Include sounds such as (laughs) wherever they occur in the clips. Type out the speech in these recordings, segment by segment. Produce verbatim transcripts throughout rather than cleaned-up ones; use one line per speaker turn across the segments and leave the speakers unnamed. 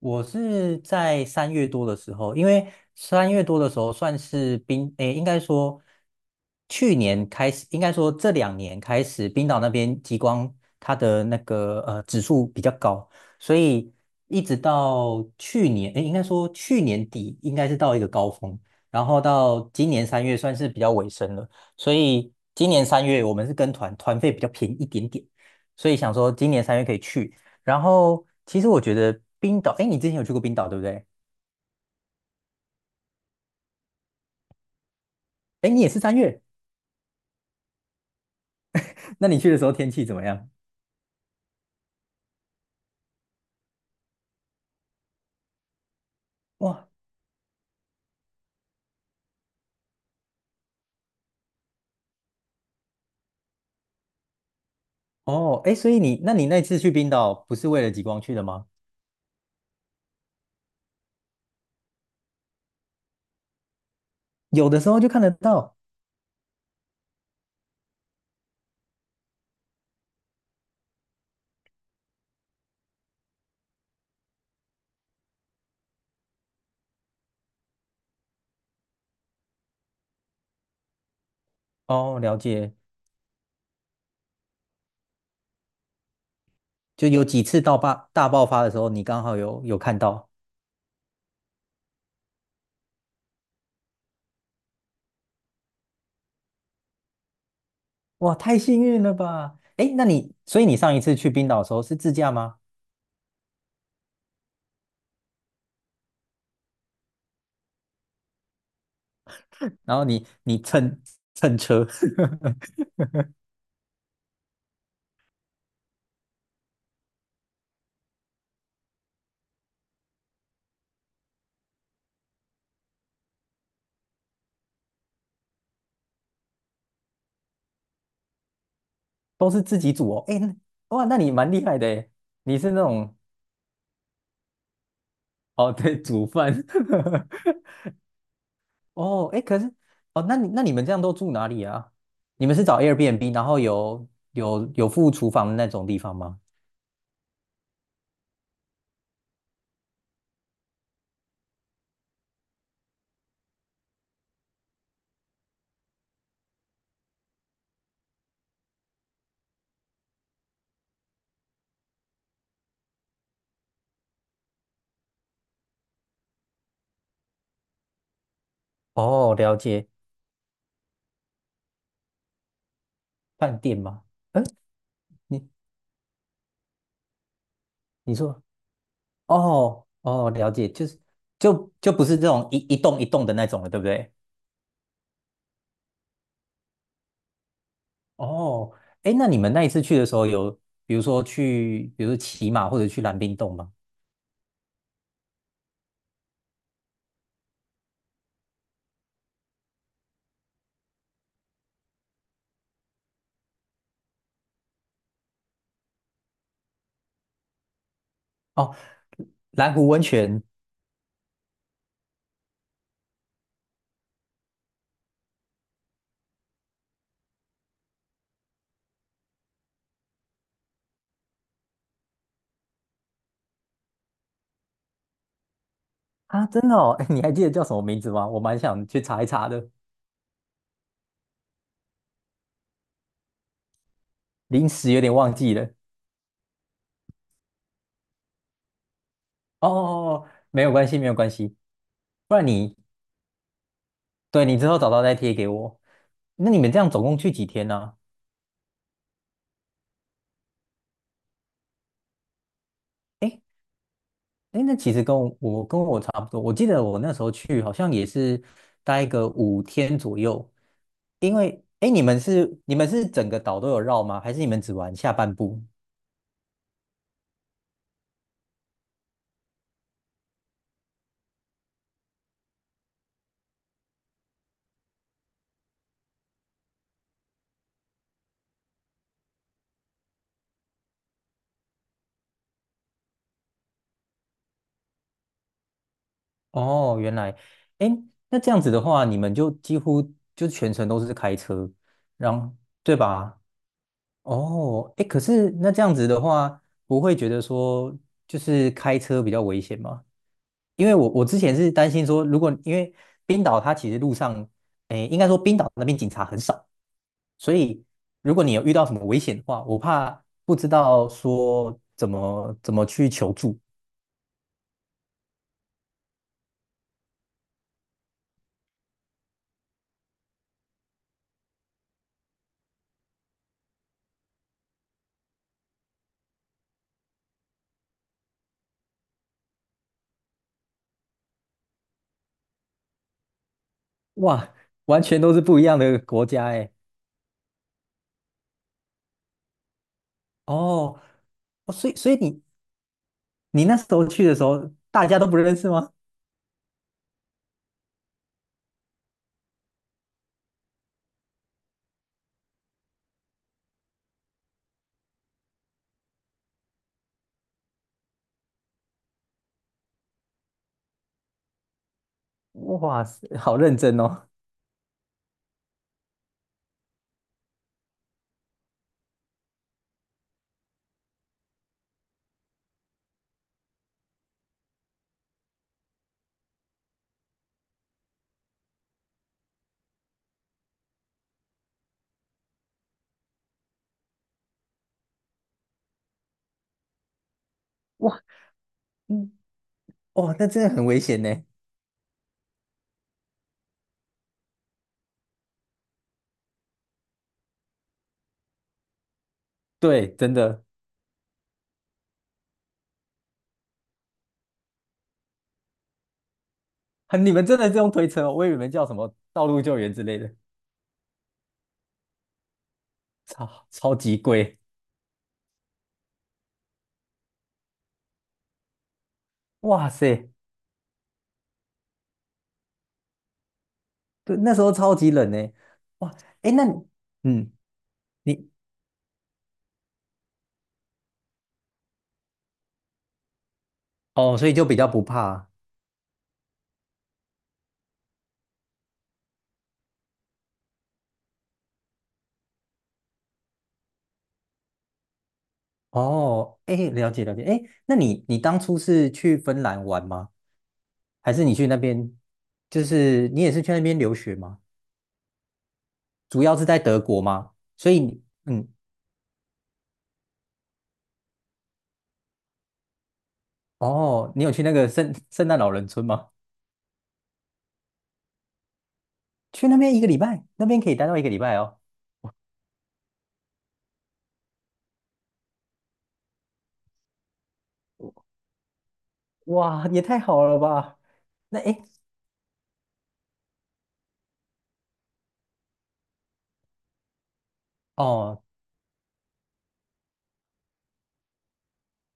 我是在三月多的时候，因为三月多的时候算是冰，诶，应该说去年开始，应该说这两年开始，冰岛那边极光它的那个呃指数比较高，所以一直到去年，诶，应该说去年底应该是到一个高峰，然后到今年三月算是比较尾声了，所以今年三月我们是跟团，团费比较便宜一点点，所以想说今年三月可以去。然后其实我觉得冰岛，哎，你之前有去过冰岛对不对？哎，你也是三月，那你去的时候天气怎么样？哇，哦，哎，所以你，那你那次去冰岛不是为了极光去的吗？有的时候就看得到。哦，了解，就有几次到大大爆发的时候，你刚好有有看到。哇，太幸运了吧！哎，那你，所以你上一次去冰岛的时候是自驾吗？然后你你蹭蹭车，(laughs) 都是自己组哦。哎，那哇，那你蛮厉害的诶，你是那种 (laughs) 哦，对，煮饭。(laughs) 哦，哎，可是，哦，那你那你们这样都住哪里啊？你们是找 Airbnb，然后有有有附厨房的那种地方吗？哦，了解，饭店吗？嗯，你你说，哦哦，了解，就是就就不是这种一一栋一栋的那种了，对不对？哦，哎，那你们那一次去的时候有，比如说去，比如说骑马或者去蓝冰洞吗？哦，蓝湖温泉啊，真的哦，哎，你还记得叫什么名字吗？我蛮想去查一查的。临时有点忘记了。哦哦哦，没有关系，没有关系。不然你，对，你之后找到再贴给我。那你们这样总共去几天呢、诶哎哎，那其实跟我我跟我差不多。我记得我那时候去好像也是待个五天左右，因为哎，诶你们是你们是整个岛都有绕吗？还是你们只玩下半部？哦，原来，哎，那这样子的话，你们就几乎就全程都是开车，然后对吧？哦，哎，可是那这样子的话，不会觉得说就是开车比较危险吗？因为我我之前是担心说，如果因为冰岛它其实路上，哎，应该说冰岛那边警察很少，所以如果你有遇到什么危险的话，我怕不知道说怎么怎么去求助。哇，完全都是不一样的国家哎。哦，哦所以所以你你那时候去的时候，大家都不认识吗？哇塞，好认真哦。哇。哦，那真的很危险呢。对，真的，很你们真的这种推车哦，我以为你们叫什么道路救援之类的，超超级贵，哇塞，对，那时候超级冷呢，哇，哎，那你嗯，你哦，所以就比较不怕啊哦，哎，了解了解，哎，那你你当初是去芬兰玩吗？还是你去那边，就是你也是去那边留学吗？主要是在德国吗？所以你嗯，哦，你有去那个圣圣诞老人村吗？去那边一个礼拜，那边可以待到一个礼拜哦。哇，也太好了吧？那诶，哦，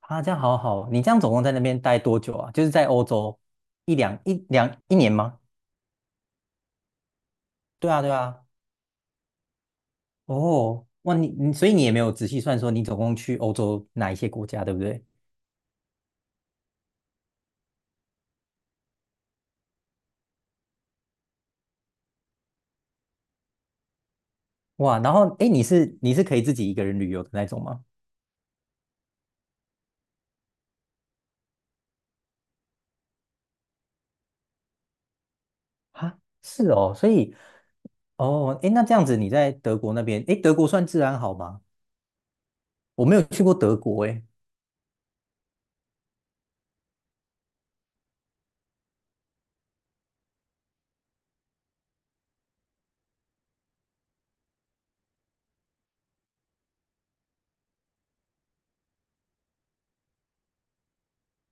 啊，这样好好。你这样总共在那边待多久啊？就是在欧洲一两一两一年吗？对啊，对啊。哦，哇，你你所以你也没有仔细算说你总共去欧洲哪一些国家，对不对？哇，然后诶，你是你是可以自己一个人旅游的那种吗？啊，是哦，所以哦，诶，那这样子你在德国那边，诶，德国算治安好吗？我没有去过德国，诶。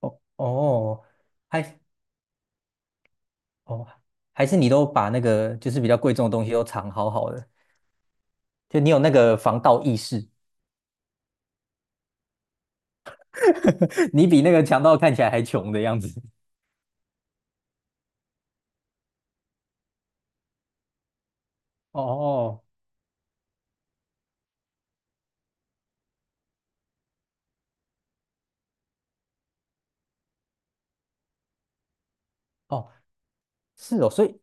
哦哦，还哦，还是你都把那个就是比较贵重的东西都藏好好的，就你有那个防盗意识，(laughs) 你比那个强盗看起来还穷的样子。哦哦，是哦，所以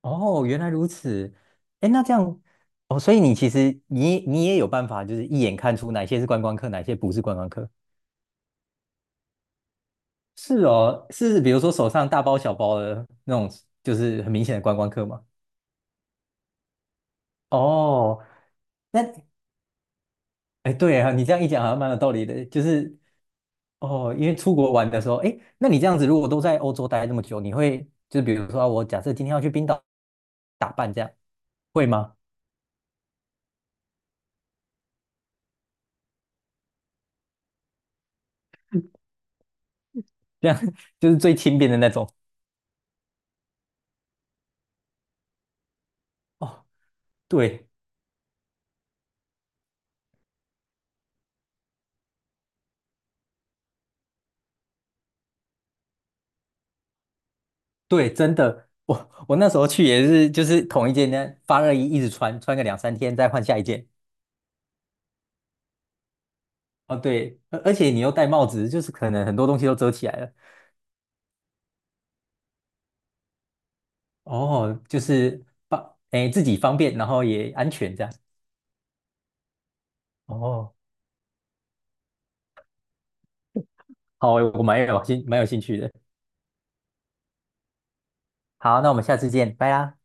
哦，原来如此。哎，那这样哦，所以你其实你你也有办法，就是一眼看出哪些是观光客，哪些不是观光客。是哦，是比如说手上大包小包的那种，就是很明显的观光客嘛。哦，那哎，对啊，你这样一讲好像蛮有道理的，就是哦，因为出国玩的时候，哎，那你这样子如果都在欧洲待那么久，你会就比如说啊我假设今天要去冰岛打扮，这样会吗？这样 (laughs) 就是最轻便的那种。哦，对对，真的，我我那时候去也是，就是同一件呢发热衣一直穿，穿个两三天再换下一件。哦，对，而而且你又戴帽子，就是可能很多东西都遮起来了。哦，就是方哎自己方便，然后也安全这样。哦，好，我蛮有兴蛮有兴趣的。好，那我们下次见，拜啦。